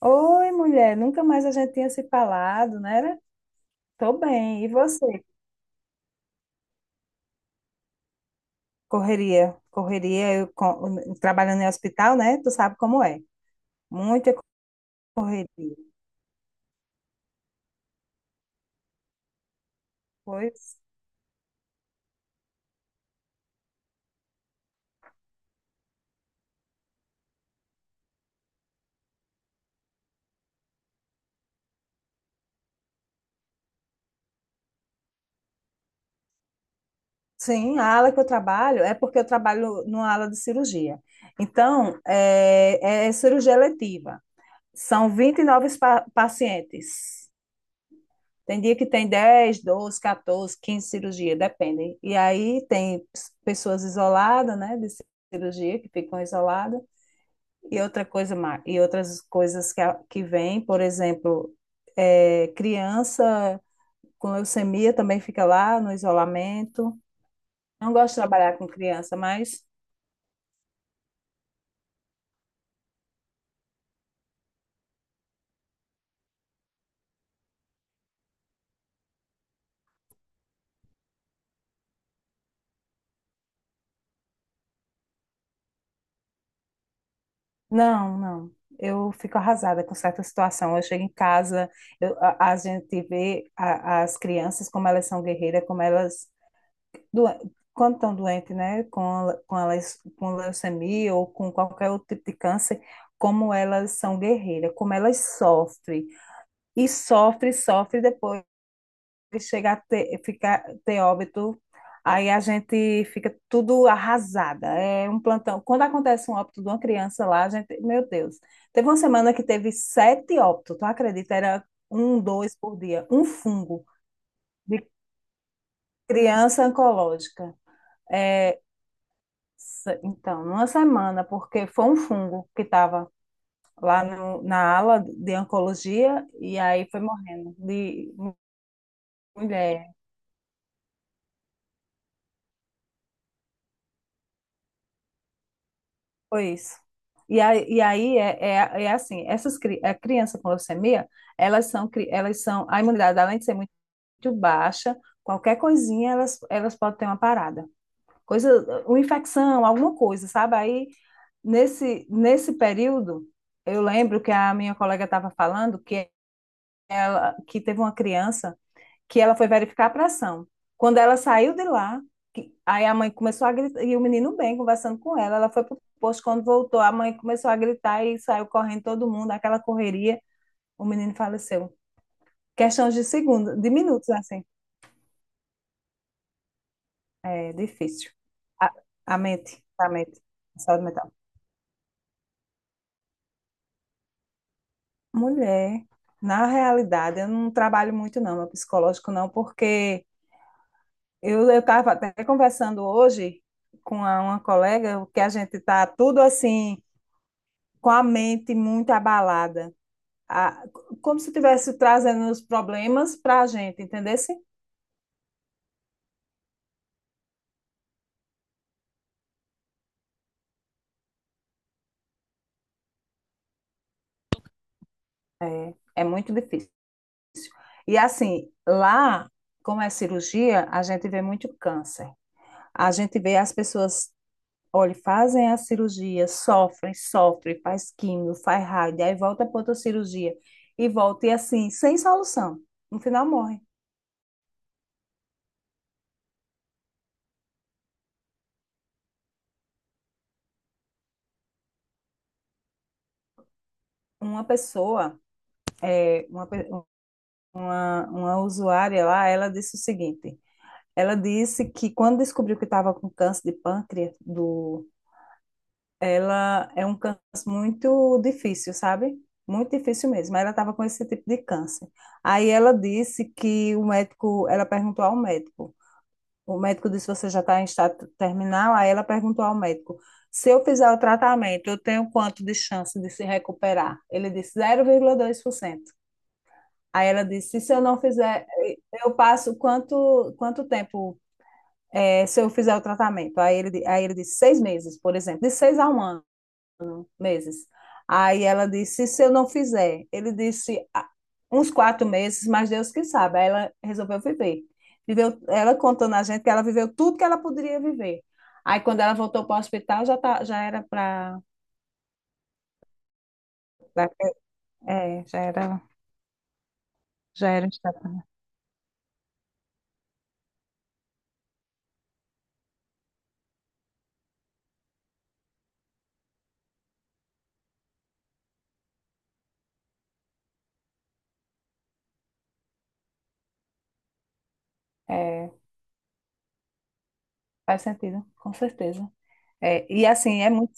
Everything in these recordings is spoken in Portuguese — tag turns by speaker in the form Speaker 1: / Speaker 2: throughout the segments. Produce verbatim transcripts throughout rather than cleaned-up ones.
Speaker 1: Oi, mulher, nunca mais a gente tinha se falado, né? Era- Tô bem. E você? Correria, correria, eu co- trabalhando em hospital, né? Tu sabe como é. Muita correria. Pois. Sim, a ala que eu trabalho é porque eu trabalho numa ala de cirurgia. Então, é, é cirurgia letiva. São vinte e nove pa pacientes. Tem dia que tem dez, doze, catorze, quinze cirurgias, depende. E aí tem ps- pessoas isoladas, né, de cirurgia, que ficam isoladas, e outra coisa mais, e outras coisas que, a- que vêm, por exemplo, é, criança com leucemia também fica lá no isolamento. Não gosto de trabalhar com criança, mas não, não. Eu fico arrasada com certa situação. Eu chego em casa, eu- a, a gente vê a- as crianças como elas são guerreiras, como elas doen- quando estão doentes, né, com, a- com, a leus- com leucemia ou com qualquer outro tipo de câncer, como elas são guerreiras, como elas sofrem. E sofre, sofre, depois chega a ter, ficar, ter óbito, aí a gente fica tudo arrasada. É um plantão. Quando acontece um óbito de uma criança lá, a gente, meu Deus, teve uma semana que teve sete óbitos, tu acredita? Era um, dois por dia, um fungo de criança oncológica. É. Se- Então, numa semana, porque foi um fungo que estava lá no- na ala de oncologia e aí foi morrendo de mulher. Foi isso. E aí, e aí é, é, é assim, essas cri- a criança com leucemia, elas são, cri- elas são, a imunidade, além de ser muito baixa, qualquer coisinha elas, elas podem ter uma parada. Coisa, uma infecção, alguma coisa, sabe? Aí, nesse, nesse período, eu lembro que a minha colega estava falando ela, que teve uma criança que ela foi verificar a pressão. Quando ela saiu de lá, que- aí a mãe começou a gritar, e o menino bem conversando com ela, ela foi pro posto, quando voltou, a mãe começou a gritar e saiu correndo todo mundo, aquela correria, o menino faleceu. Questões de segundos, de minutos, assim. É difícil. A, a mente, a mente, a saúde mental. Mulher, na realidade, eu não trabalho muito não, meu psicológico não, porque Eu eu estava até conversando hoje com a- uma colega que a gente está tudo assim com a mente muito abalada, A- como se estivesse trazendo os problemas para a gente, entendesse? É, é muito difícil. E assim, lá, como é cirurgia, a gente vê muito câncer. A gente vê as pessoas, olha, fazem a cirurgia, sofrem, sofrem, faz químio, faz raio, aí volta para outra cirurgia e volta e assim, sem solução. No final morre. Uma pessoa, é, uma, pe- uma, uma usuária lá, ela disse o seguinte: ela disse que quando descobriu que estava com câncer de pâncreas, do, ela é um câncer muito difícil, sabe? Muito difícil mesmo. Ela estava com esse tipo de câncer. Aí ela disse que o médico, ela perguntou ao médico. O médico disse: Você já está em estado terminal? Aí ela perguntou ao médico: Se eu fizer o tratamento, eu tenho quanto de chance de se recuperar? Ele disse: zero vírgula dois por cento. Aí ela disse, se eu não fizer, eu passo quanto, quanto tempo é, se eu fizer o tratamento? Aí ele, di- aí ele disse, seis meses, por exemplo, de seis a um ano, meses. Aí ela disse, se eu não fizer? Ele disse, "Ah, uns quatro meses, mas Deus que sabe." Aí ela resolveu viver. Viveu, ela contando a gente que ela viveu tudo que ela poderia viver. Aí quando ela voltou para o hospital, já, tá, já era para... É, já era, já era... estável. É, faz sentido, com certeza. É, e assim, é muito.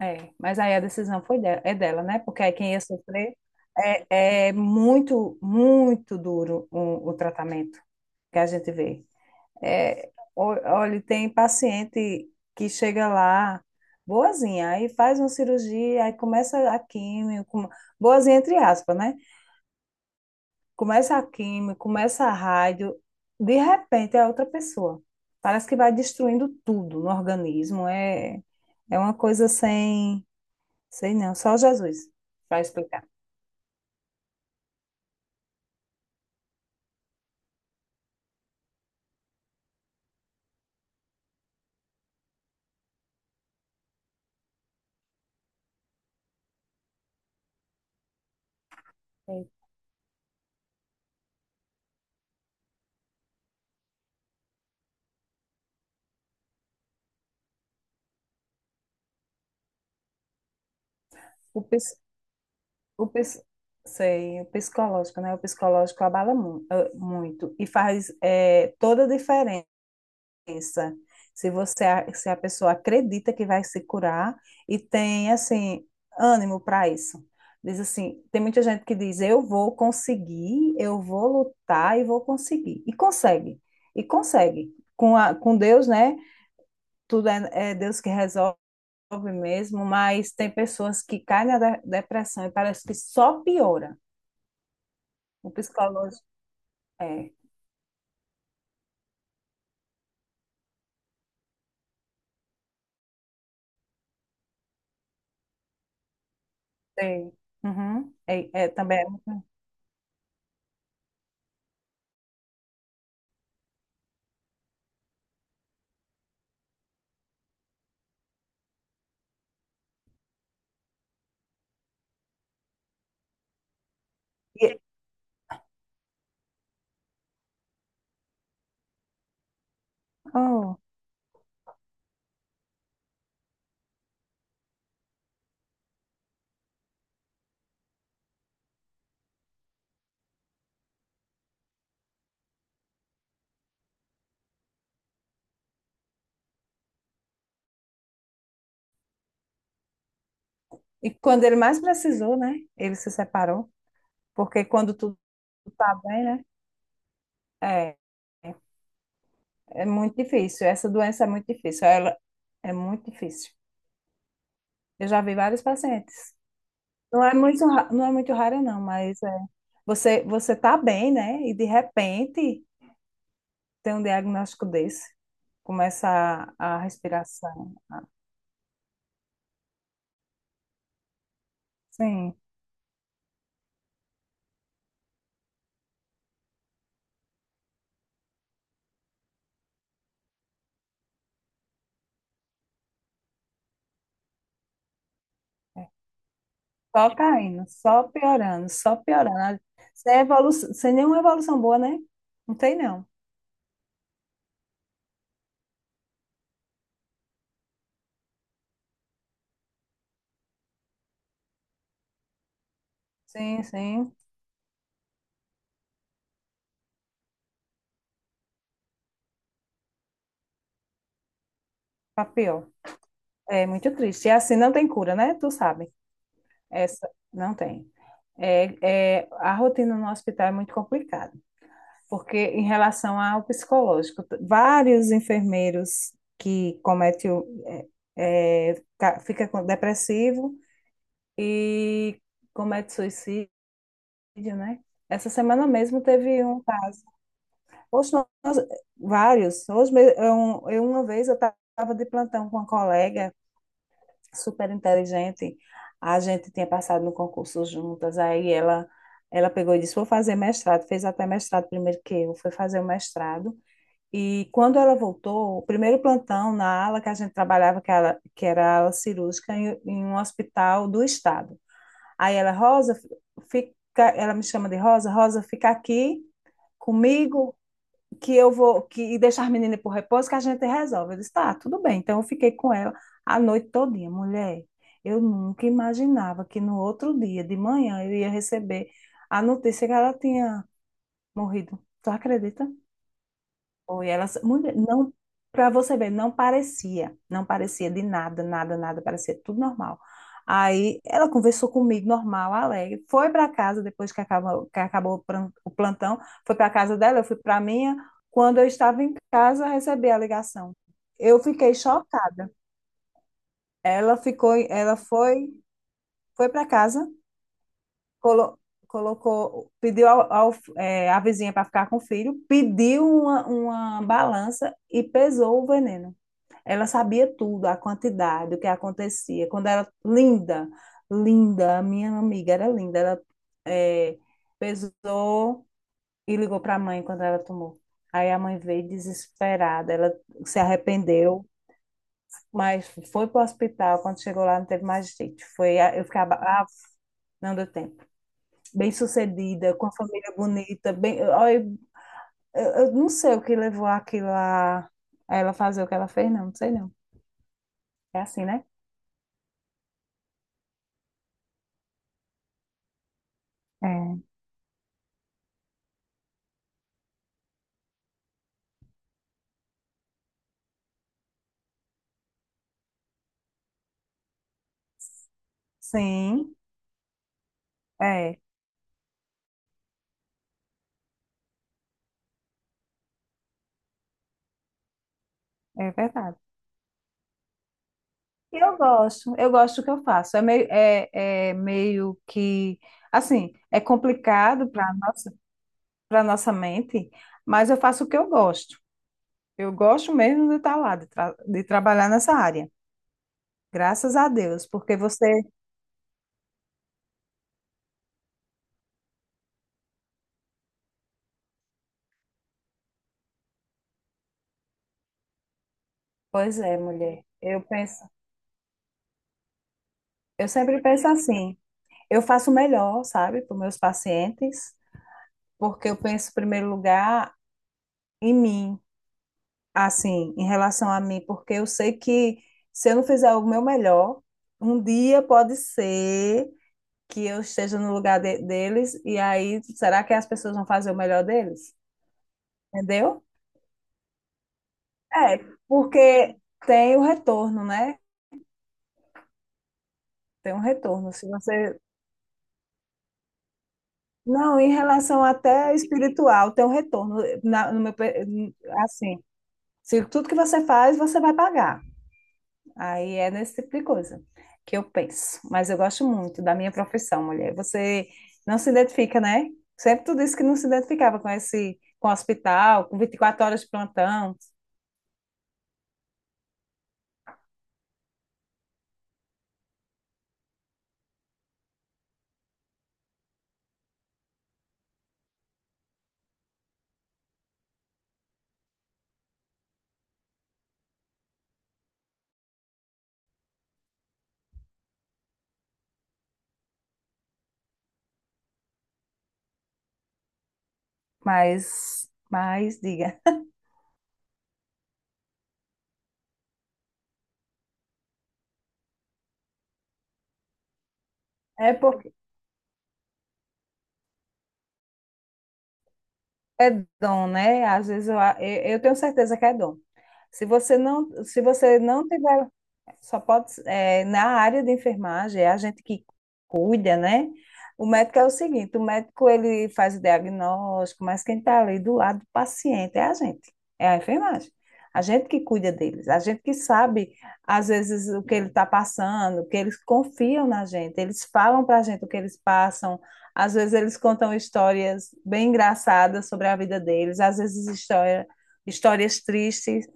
Speaker 1: É, mas aí a decisão foi dela, é dela, né? Porque aí quem ia sofrer é, é muito, muito duro o, o tratamento que a gente vê. É, o- olha, tem paciente que chega lá boazinha, aí faz uma cirurgia, aí começa a químio, com- boazinha entre aspas, né? Começa a químio, começa a rádio, de repente é outra pessoa. Parece que vai destruindo tudo no organismo, é, é uma coisa sem. Sei não, só Jesus vai explicar. Sei. O, pis- o, pis- sei, o psicológico, né? O psicológico abala mu- eh, muito e faz eh, toda a diferença. Se você, a- se a pessoa acredita que vai se curar e tem, assim, ânimo para isso. Diz assim, tem muita gente que diz, eu vou conseguir, eu vou lutar e vou conseguir. E consegue, e consegue. Com, a, com Deus, né? Tudo é é Deus que resolve resolve mesmo, mas tem pessoas que caem na de- depressão e parece que só piora. O psicológico é, tem. Uhum. É, é, também. é- E, oh, e quando ele mais precisou, né? Ele se separou, porque quando tudo tá bem, né? É, é é muito difícil. Essa doença é muito difícil. Ela é muito difícil. Eu já vi vários pacientes. Não é muito, ra- não é muito rara, não, mas é, você você tá bem, né? E de repente ter um diagnóstico desse, começa a, a respiração. Sim, é. Só caindo, só piorando, só piorando. Sem evolu- sem nenhuma evolução boa, né? Não tem, não. Sim, sim, tá pior. É muito triste. E assim não tem cura, né? Tu sabe. Essa não tem. É, é, a rotina no hospital é muito complicada, porque em relação ao psicológico, t- vários enfermeiros que cometem, o- é, ca- fica com- depressivo, e comete suicídio, né? Essa semana mesmo teve um caso. Hoje nós- vários. Hoje eu, eu- Uma vez eu estava de plantão com uma colega super inteligente. A gente tinha passado no concurso juntas. Aí ela, ela pegou e disse: Vou fazer mestrado. Fez até mestrado primeiro que eu. Foi fazer o mestrado. E quando ela voltou, o primeiro plantão na ala que a gente trabalhava, que era, que era a ala cirúrgica, em, em um hospital do estado. Aí ela, Rosa, fica, ela me chama de Rosa, Rosa, fica aqui comigo que eu vou que e deixar as meninas por repouso que a gente resolve. Eu disse, tá, tudo bem. Então eu fiquei com ela a noite todinha, mulher. Eu nunca imaginava que no outro dia de manhã eu ia receber a notícia que ela tinha morrido. Tu acredita? Foi ela, mulher, não, para você ver, não parecia, não parecia de nada, nada, nada, parecia tudo normal. Aí ela conversou comigo, normal, alegre, foi para casa depois que acabou, que acabou o pran- o plantão, foi para casa dela, eu fui para minha. Quando eu estava em casa, recebi a ligação. Eu fiquei chocada. Ela ficou, ela foi, foi para casa, colo- colocou, pediu ao, ao- eh, a vizinha para ficar com o filho, pediu uma, uma balança e pesou o veneno. Ela sabia tudo, a quantidade, o que acontecia. Quando era linda, linda, a minha amiga era linda. Ela eh, pesou e ligou para a mãe quando ela tomou. Aí a mãe veio desesperada, ela se arrependeu, mas foi para o hospital. Quando chegou lá, não teve mais jeito. Foi, a- eu ficava, ah, não deu tempo. Bem-sucedida, com a família bonita, bem, olha, eu, eu eu não sei o que levou aquilo a, a ela fazer o que ela fez, não, não sei não. É assim, né? É. Sim. É, é verdade. E eu gosto, eu gosto do que eu faço. É meio, é, é meio que, assim, é complicado para nossa, para nossa mente, mas eu faço o que eu gosto. Eu gosto mesmo de estar lá, de, tra- de trabalhar nessa área. Graças a Deus, porque você. Pois é, mulher. Eu penso, eu sempre penso assim. Eu faço o melhor, sabe, para os meus pacientes, porque eu penso em primeiro lugar em mim. Assim, em relação a mim, porque eu sei que se eu não fizer o meu melhor, um dia pode ser que eu esteja no lugar de- deles, e aí será que as pessoas vão fazer o melhor deles? Entendeu? É, porque tem o retorno, né? Tem um retorno. Se você. Não, em relação até espiritual, tem um retorno. Na- no meu, pe- assim, se tudo que você faz, você vai pagar. Aí é nesse tipo de coisa que eu penso. Mas eu gosto muito da minha profissão, mulher. Você não se identifica, né? Sempre tu disse que não se identificava com esse, com o hospital, com vinte e quatro horas de plantão. Mas, mas diga. É por, É dom, né? Às vezes eu, a- eu, eu tenho certeza que é dom. Se você não, se você não tiver, só pode, é, na área de enfermagem, é a gente que cuida, né? O médico é o seguinte, o médico ele faz o diagnóstico, mas quem está ali do lado do paciente é a gente, é a enfermagem. A gente que cuida deles, a gente que sabe, às vezes, o que ele está passando, que eles confiam na gente, eles falam para a gente o que eles passam, às vezes eles contam histórias bem engraçadas sobre a vida deles, às vezes história, histórias tristes,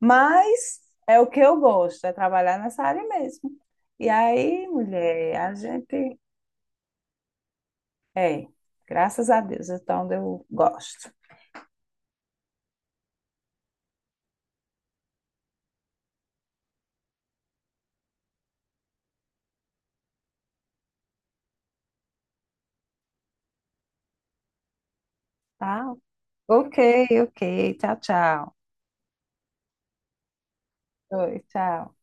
Speaker 1: mas é o que eu gosto, é trabalhar nessa área mesmo. E aí, mulher, a gente é, graças a Deus, então eu gosto. Tá? Ok, ok. Tchau, tchau. Oi, tchau.